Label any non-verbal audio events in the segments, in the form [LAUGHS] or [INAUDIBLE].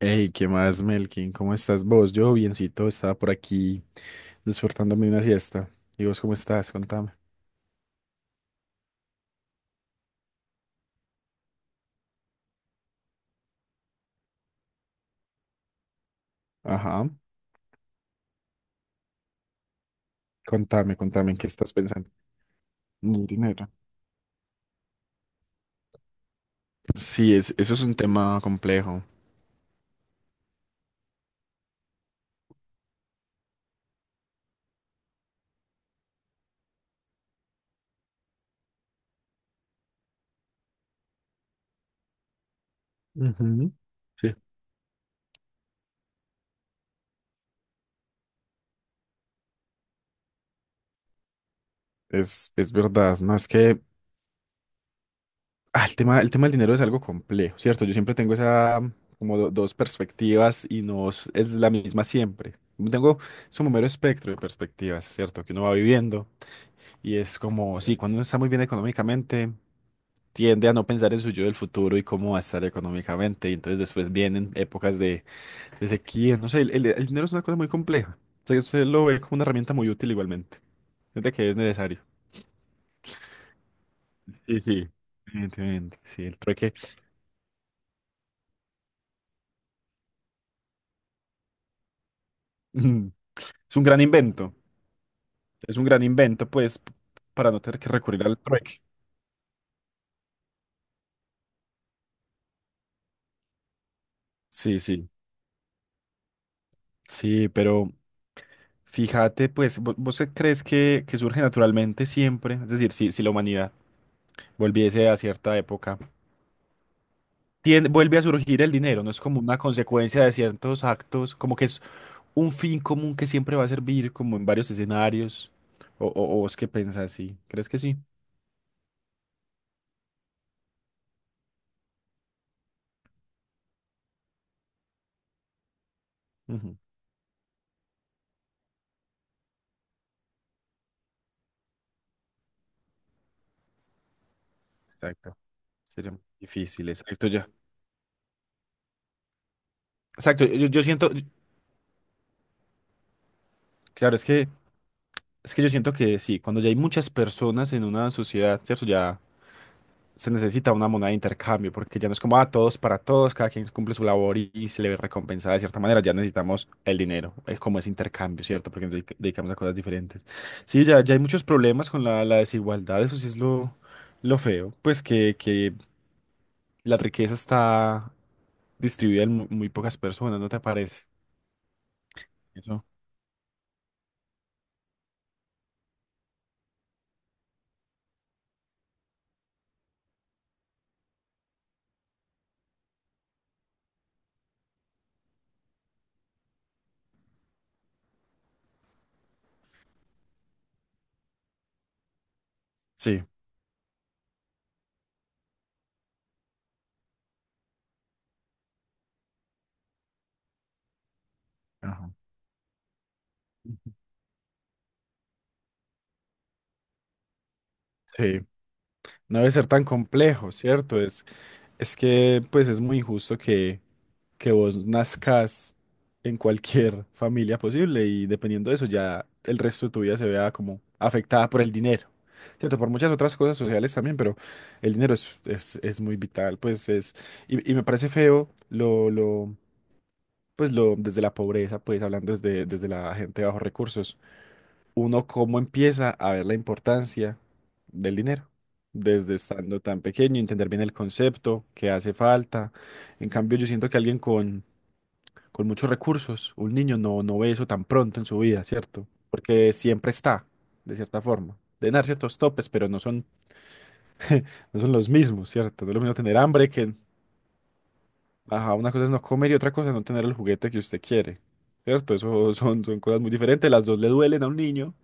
Hey, ¿qué más, Melkin? ¿Cómo estás vos? Yo, biencito, estaba por aquí disfrutándome una siesta. ¿Y vos cómo estás? Contame. Ajá. Contame, contame, ¿en qué estás pensando? Mi dinero. Sí, eso es un tema complejo. Ujú. Sí. Es verdad, ¿no? Es que el tema del dinero es algo complejo, ¿cierto? Yo siempre tengo esa, como dos perspectivas y no es la misma siempre. Tengo, es un mero espectro de perspectivas, ¿cierto? Que uno va viviendo y es como, sí, cuando uno está muy bien económicamente tiende a no pensar en su yo del futuro y cómo va a estar económicamente. Y entonces después vienen épocas de sequía. No sé, el dinero es una cosa muy compleja. O sea, usted lo ve como una herramienta muy útil igualmente. Desde que es necesario. Sí, sí. Evidentemente, sí, el trueque [CLEARS THROAT] mm, es un gran invento. Es un gran invento, pues, para no tener que recurrir al trueque. Sí, sí. Sí, pero fíjate, pues, ¿vos qué crees que surge naturalmente siempre? Es decir, si la humanidad volviese a cierta época. Vuelve a surgir el dinero, no es como una consecuencia de ciertos actos, como que es un fin común que siempre va a servir como en varios escenarios. O vos qué pensás, sí, ¿crees que sí? Ujú. Exacto. Sería muy difícil, exacto, ya. Exacto, yo siento, claro, es que yo siento que sí, cuando ya hay muchas personas en una sociedad, ¿cierto? Ya se necesita una moneda de intercambio, porque ya no es como, ah, todos para todos, cada quien cumple su labor y se le ve recompensada de cierta manera, ya necesitamos el dinero, es como ese intercambio, ¿cierto? Porque nos dedicamos a cosas diferentes. Sí, ya hay muchos problemas con la desigualdad, eso sí es lo feo, pues que la riqueza está distribuida en muy pocas personas, ¿no te parece? Eso. Sí. Ajá. Sí, no debe ser tan complejo, ¿cierto? Es que pues es muy injusto que vos nazcas en cualquier [LAUGHS] familia posible y dependiendo de eso ya el resto de tu vida se vea como afectada por el dinero. Cierto, por muchas otras cosas sociales también, pero el dinero es muy vital, pues es, y me parece feo pues lo, desde la pobreza, pues hablando desde la gente de bajos recursos, uno cómo empieza a ver la importancia del dinero, desde estando tan pequeño, entender bien el concepto, que hace falta. En cambio, yo siento que alguien con muchos recursos, un niño no ve eso tan pronto en su vida, ¿cierto? Porque siempre está, de cierta forma. Deben dar ciertos topes, pero no son, no son los mismos, ¿cierto? No es lo mismo tener hambre que, ajá, una cosa es no comer y otra cosa es no tener el juguete que usted quiere, ¿cierto? Eso [LAUGHS] son, son cosas muy diferentes, las dos le duelen a un niño,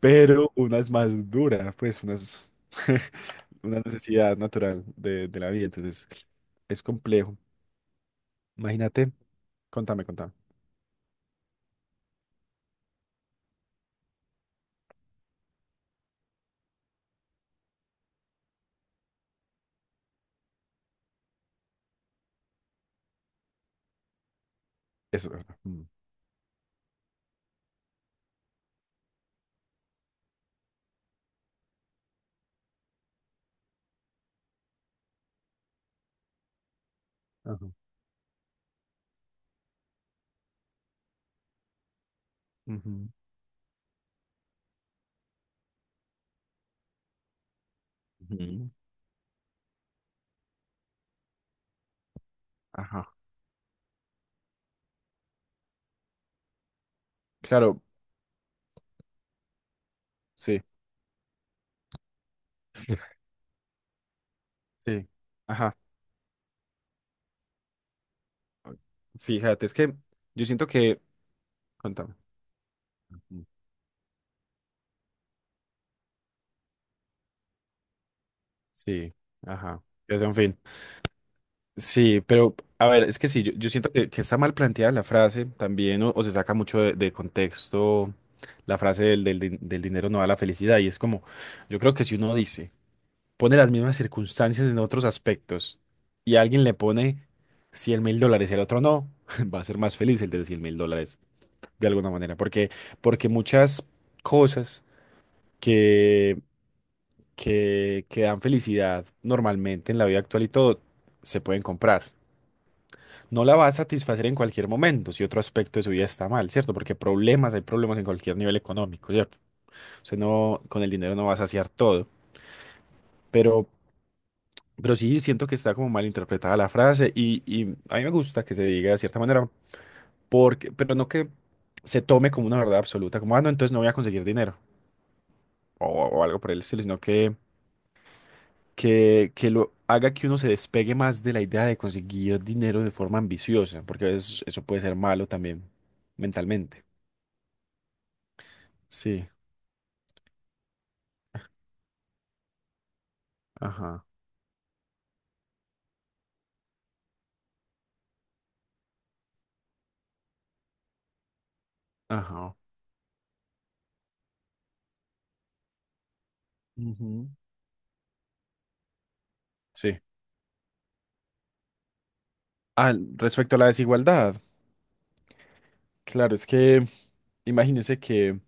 pero una es más dura, pues una es [LAUGHS] una necesidad natural de la vida, entonces es complejo. Imagínate, contame, contame. Eso. Mm. Ajá. Ujú, ujú. Ajá. Claro, sí, sí. Ajá. Fíjate, es que yo siento que... Contame. Sí, ajá. Es un fin. Sí, pero a ver, es que sí, yo siento que está mal planteada la frase también, o se saca mucho de contexto la frase del dinero no da la felicidad. Y es como, yo creo que si uno dice, pone las mismas circunstancias en otros aspectos y alguien le pone $100.000 y al otro no, [LAUGHS] va a ser más feliz el de $100.000 de alguna manera, porque, porque muchas cosas que, que dan felicidad normalmente en la vida actual y todo se pueden comprar. No la va a satisfacer en cualquier momento si otro aspecto de su vida está mal, ¿cierto? Porque problemas, hay problemas en cualquier nivel económico, ¿cierto? O sea, no, con el dinero no va a saciar todo, pero, pero sí siento que está como mal interpretada la frase y a mí me gusta que se diga de cierta manera, porque, pero no que se tome como una verdad absoluta, como, ah, no, entonces no voy a conseguir dinero. O, o algo por el estilo, sino que lo haga que uno se despegue más de la idea de conseguir dinero de forma ambiciosa, porque a veces eso puede ser malo también mentalmente. Sí, ajá, ajá. Ujú. Sí. Ah, respecto a la desigualdad, claro, es que imagínense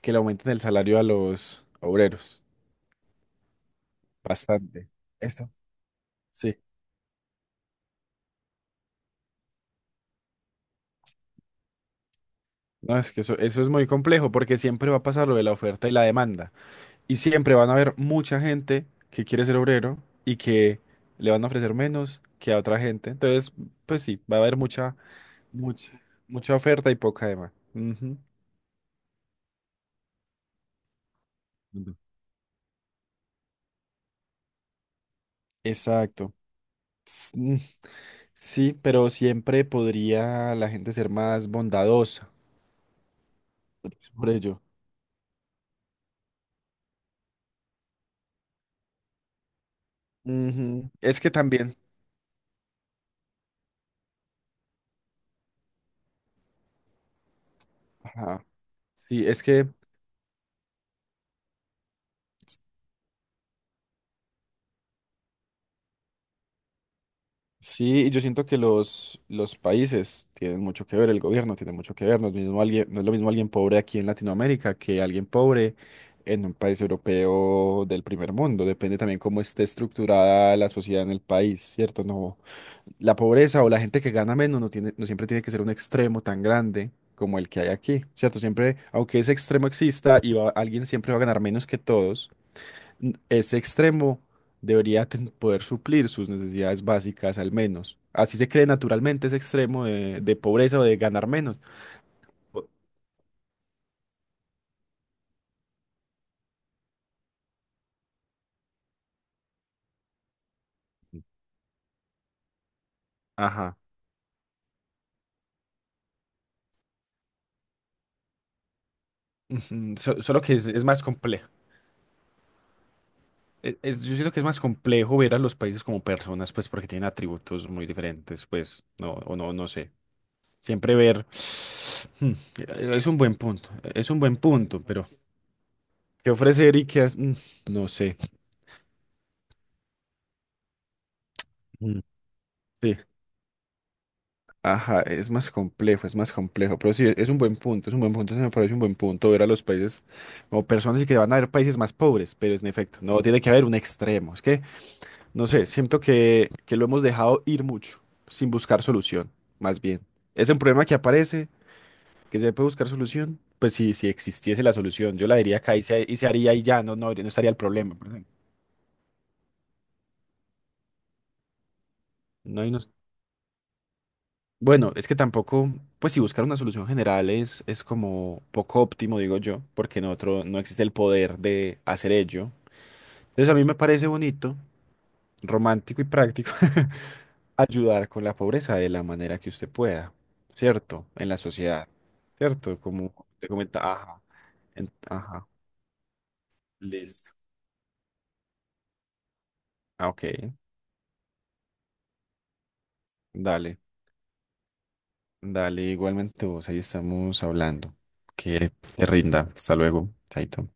que le aumenten el salario a los obreros. Bastante. ¿Esto? Sí. No, es que eso es muy complejo porque siempre va a pasar lo de la oferta y la demanda. Y siempre van a haber mucha gente que quiere ser obrero y que le van a ofrecer menos que a otra gente. Entonces, pues sí, va a haber mucha, mucha oferta y poca demanda. Ujú. Ujú. Exacto. Mm. Sí, pero siempre podría la gente ser más bondadosa por ello. Ujú. Es que también, ajá, sí, es que sí, y yo siento que los países tienen mucho que ver, el gobierno tiene mucho que ver, no es mismo alguien, no es lo mismo alguien pobre aquí en Latinoamérica que alguien pobre en un país europeo del primer mundo, depende también cómo esté estructurada la sociedad en el país, ¿cierto? No, la pobreza o la gente que gana menos no tiene, no siempre tiene que ser un extremo tan grande como el que hay aquí, ¿cierto? Siempre, aunque ese extremo exista, y alguien siempre va a ganar menos que todos. Ese extremo debería poder suplir sus necesidades básicas al menos. Así se cree naturalmente ese extremo de pobreza o de ganar menos. O- Ajá. Ujú, solo que es más complejo. Yo siento que es más complejo ver a los países como personas, pues porque tienen atributos muy diferentes, pues, no, o no, no, sé. Siempre ver. [SIGHS] Hmm, es un buen punto, es un buen punto, pero ¿qué ofrecer y qué hacer? No sé. Mm. Sí. Ajá, es más complejo, pero sí, es un buen punto, es un buen punto, se me parece un buen punto ver a los países como personas y que van a haber países más pobres, pero es en efecto, no tiene que haber un extremo, es que, no sé, siento que lo hemos dejado ir mucho, sin buscar solución, más bien. Es un problema que aparece, que se puede buscar solución, pues si existiese la solución, yo la diría acá y se haría y ya, no estaría el problema, por ejemplo. No hay, bueno, es que tampoco, pues si buscar una solución general es como poco óptimo, digo yo, porque no, otro, no existe el poder de hacer ello. Entonces a mí me parece bonito, romántico y práctico [LAUGHS] ayudar con la pobreza de la manera que usted pueda, ¿cierto? En la sociedad, ¿cierto? Como te comenta, ajá, en- ajá, listo. Ah, ok, dale, dale, igualmente vos, ahí estamos hablando. Que te rinda, hasta luego, chaito.